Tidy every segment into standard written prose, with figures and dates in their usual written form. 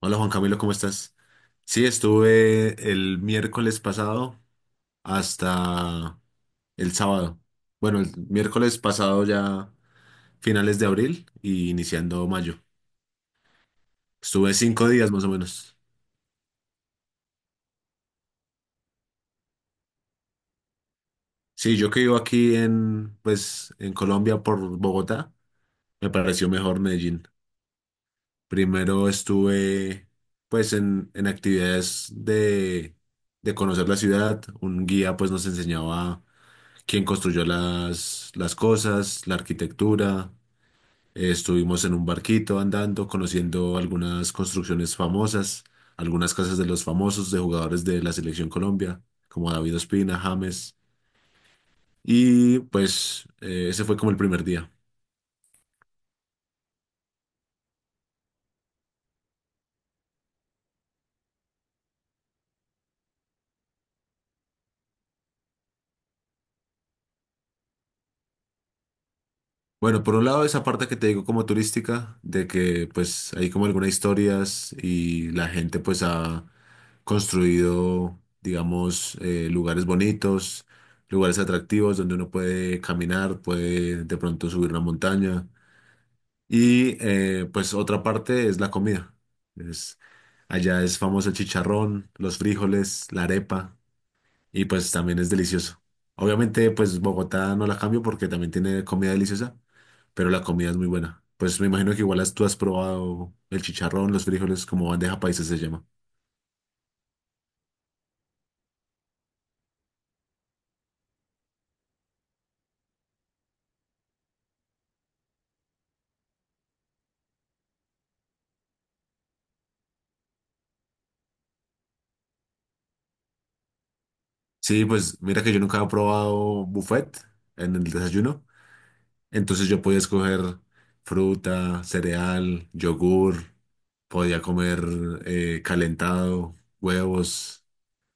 Hola Juan Camilo, ¿cómo estás? Sí, estuve el miércoles pasado hasta el sábado. Bueno, el miércoles pasado ya finales de abril y iniciando mayo. Estuve 5 días más o menos. Sí, yo que vivo aquí en Colombia por Bogotá, me pareció mejor Medellín. Primero estuve, pues, en actividades de conocer la ciudad. Un guía, pues, nos enseñaba quien construyó las cosas, la arquitectura. Estuvimos en un barquito andando, conociendo algunas construcciones famosas, algunas casas de los famosos, de jugadores de la Selección Colombia, como David Ospina, James. Y pues ese fue como el primer día. Bueno, por un lado esa parte que te digo como turística, de que pues hay como algunas historias y la gente pues ha construido, digamos, lugares bonitos, lugares atractivos donde uno puede caminar, puede de pronto subir una montaña. Y pues otra parte es la comida. Es, allá es famoso el chicharrón, los frijoles, la arepa y pues también es delicioso. Obviamente, pues Bogotá no la cambio porque también tiene comida deliciosa, pero la comida es muy buena. Pues me imagino que igual tú has probado el chicharrón, los frijoles, como bandeja paisa se llama. Sí, pues mira que yo nunca he probado buffet en el desayuno, entonces yo podía escoger fruta, cereal, yogur, podía comer calentado, huevos,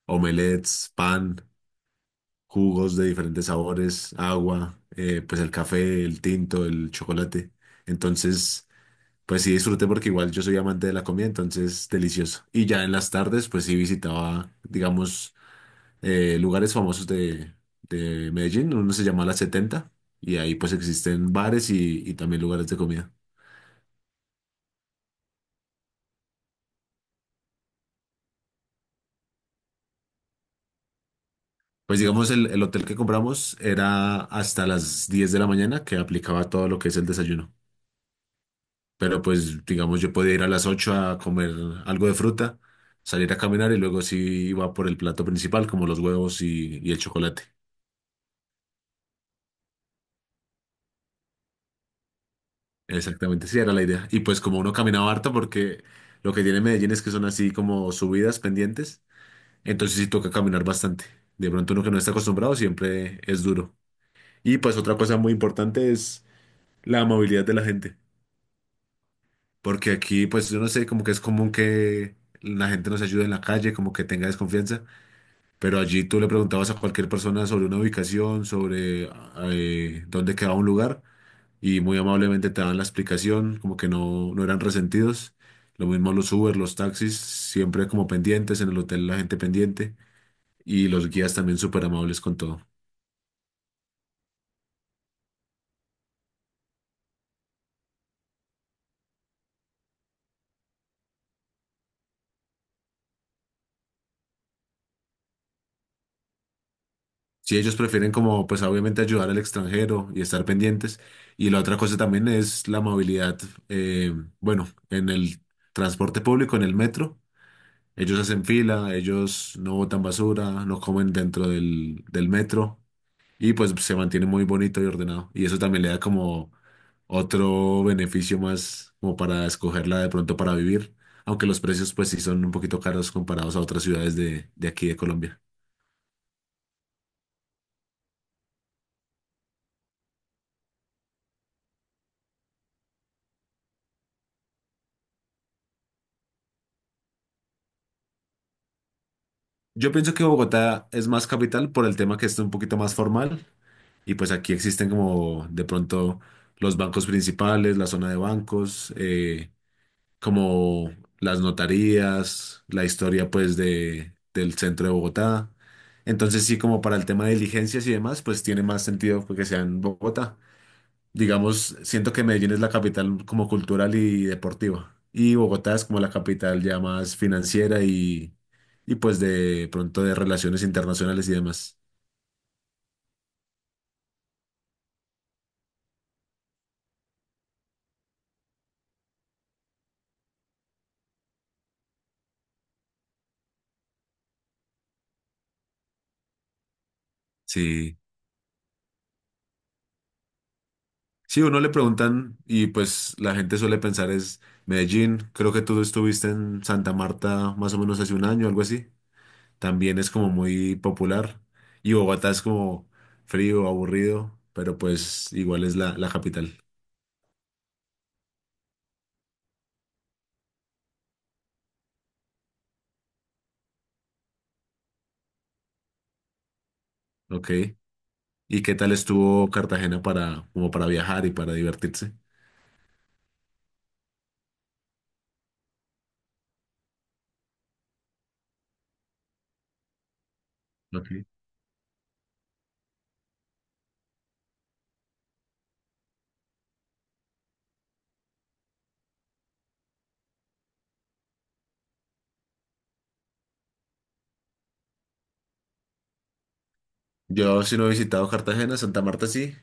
omelets, pan. Jugos de diferentes sabores, agua, pues el café, el tinto, el chocolate. Entonces, pues sí disfruté porque igual yo soy amante de la comida, entonces delicioso. Y ya en las tardes, pues sí visitaba, digamos, lugares famosos de Medellín, uno se llama La 70, y ahí pues existen bares y también lugares de comida. Pues digamos, el hotel que compramos era hasta las 10 de la mañana que aplicaba todo lo que es el desayuno. Pero pues, digamos, yo podía ir a las 8 a comer algo de fruta, salir a caminar y luego sí iba por el plato principal, como los huevos y el chocolate. Exactamente, sí, era la idea. Y pues como uno caminaba harto, porque lo que tiene Medellín es que son así como subidas pendientes, entonces sí toca caminar bastante. De pronto uno que no está acostumbrado siempre es duro. Y pues otra cosa muy importante es la movilidad de la gente, porque aquí pues yo no sé, como que es común que la gente nos ayude en la calle, como que tenga desconfianza. Pero allí tú le preguntabas a cualquier persona sobre una ubicación, sobre dónde quedaba un lugar, y muy amablemente te daban la explicación, como que no, no eran resentidos. Lo mismo los Uber, los taxis, siempre como pendientes, en el hotel la gente pendiente, y los guías también súper amables con todo. Si ellos prefieren como, pues obviamente ayudar al extranjero y estar pendientes. Y la otra cosa también es la movilidad, eh, bueno, en el transporte público, en el metro. Ellos hacen fila, ellos no botan basura, no comen dentro del metro y pues se mantiene muy bonito y ordenado. Y eso también le da como otro beneficio más como para escogerla de pronto para vivir, aunque los precios pues sí son un poquito caros comparados a otras ciudades de aquí de Colombia. Yo pienso que Bogotá es más capital por el tema que es un poquito más formal y pues aquí existen como de pronto los bancos principales, la zona de bancos. Como las notarías, la historia pues del centro de Bogotá. Entonces sí, como para el tema de diligencias y demás, pues tiene más sentido que sea en Bogotá. Digamos, siento que Medellín es la capital como cultural y deportiva. Y Bogotá es como la capital ya más financiera y pues de pronto de relaciones internacionales y demás. Sí. Sí, uno le preguntan y pues la gente suele pensar es Medellín. Creo que tú estuviste en Santa Marta más o menos hace 1 año, algo así. También es como muy popular. Y Bogotá es como frío, aburrido, pero pues igual es la capital. Ok. ¿Y qué tal estuvo Cartagena para, como para viajar y para divertirse? Ok. Yo sí no he visitado Cartagena, Santa Marta sí,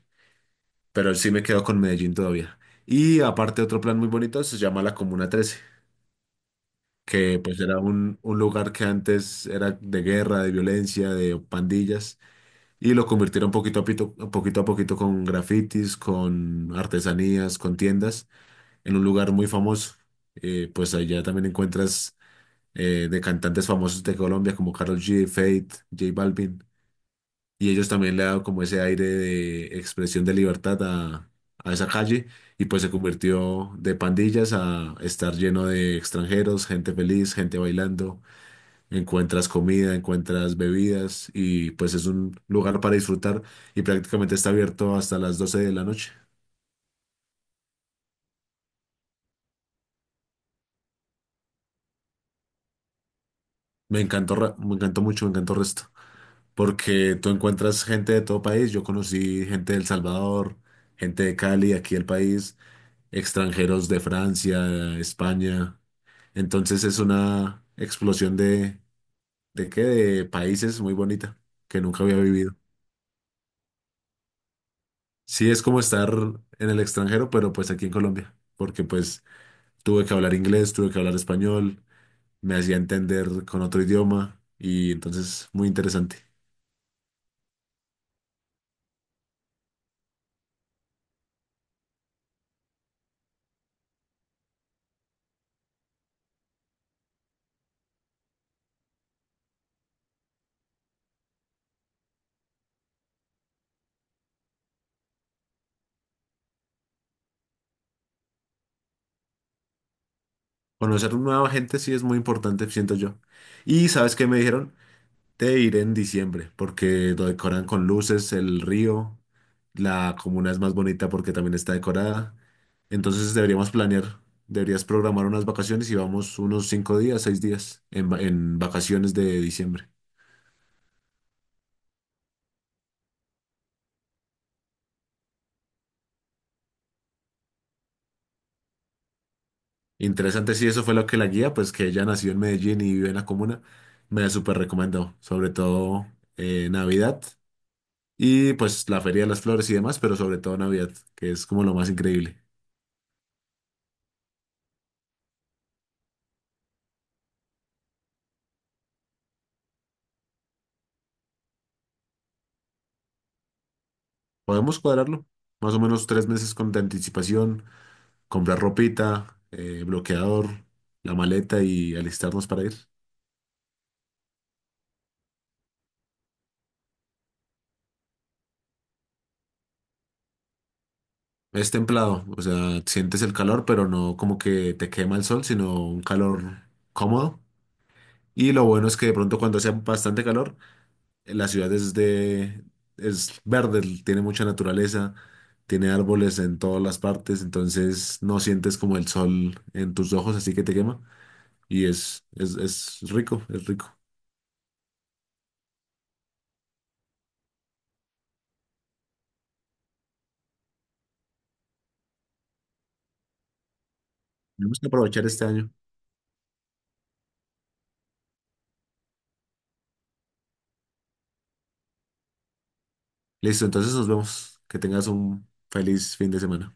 pero sí me quedo con Medellín todavía. Y aparte otro plan muy bonito se llama la Comuna 13, que pues era un lugar que antes era de guerra, de violencia, de pandillas. Y lo convirtieron poquito a poquito con grafitis, con artesanías, con tiendas, en un lugar muy famoso. Pues allá también encuentras de cantantes famosos de Colombia como Karol G, Feid, J Balvin. Y ellos también le han dado como ese aire de expresión de libertad a esa calle. Y pues se convirtió de pandillas a estar lleno de extranjeros, gente feliz, gente bailando. Encuentras comida, encuentras bebidas y pues es un lugar para disfrutar y prácticamente está abierto hasta las 12 de la noche. Me encantó, me encantó mucho, me encantó el resto, porque tú encuentras gente de todo país. Yo conocí gente de El Salvador, gente de Cali, aquí el país, extranjeros de Francia, España. Entonces es una explosión ¿de qué? De países muy bonita que nunca había vivido. Sí, es como estar en el extranjero, pero pues aquí en Colombia, porque pues tuve que hablar inglés, tuve que hablar español, me hacía entender con otro idioma y entonces muy interesante. Conocer nueva gente sí es muy importante, siento yo. Y ¿sabes qué me dijeron? Te iré en diciembre porque lo decoran con luces, el río, la comuna es más bonita porque también está decorada. Entonces deberíamos planear, deberías programar unas vacaciones y vamos unos 5 días, 6 días en vacaciones de diciembre. Interesante, sí, eso fue lo que la guía, pues que ella nació en Medellín y vive en la comuna, me súper recomendó, sobre todo Navidad y pues la Feria de las Flores y demás, pero sobre todo Navidad, que es como lo más increíble. Podemos cuadrarlo, más o menos 3 meses con de anticipación, comprar ropita, bloqueador, la maleta y alistarnos para ir. Es templado, o sea, sientes el calor, pero no como que te quema el sol, sino un calor cómodo. Y lo bueno es que de pronto cuando hace bastante calor, la ciudad es de, es verde, tiene mucha naturaleza, tiene árboles en todas las partes, entonces no sientes como el sol en tus ojos, así que te quema. Y es rico, es rico. Tenemos que aprovechar este año. Listo, entonces nos vemos. Que tengas un feliz fin de semana.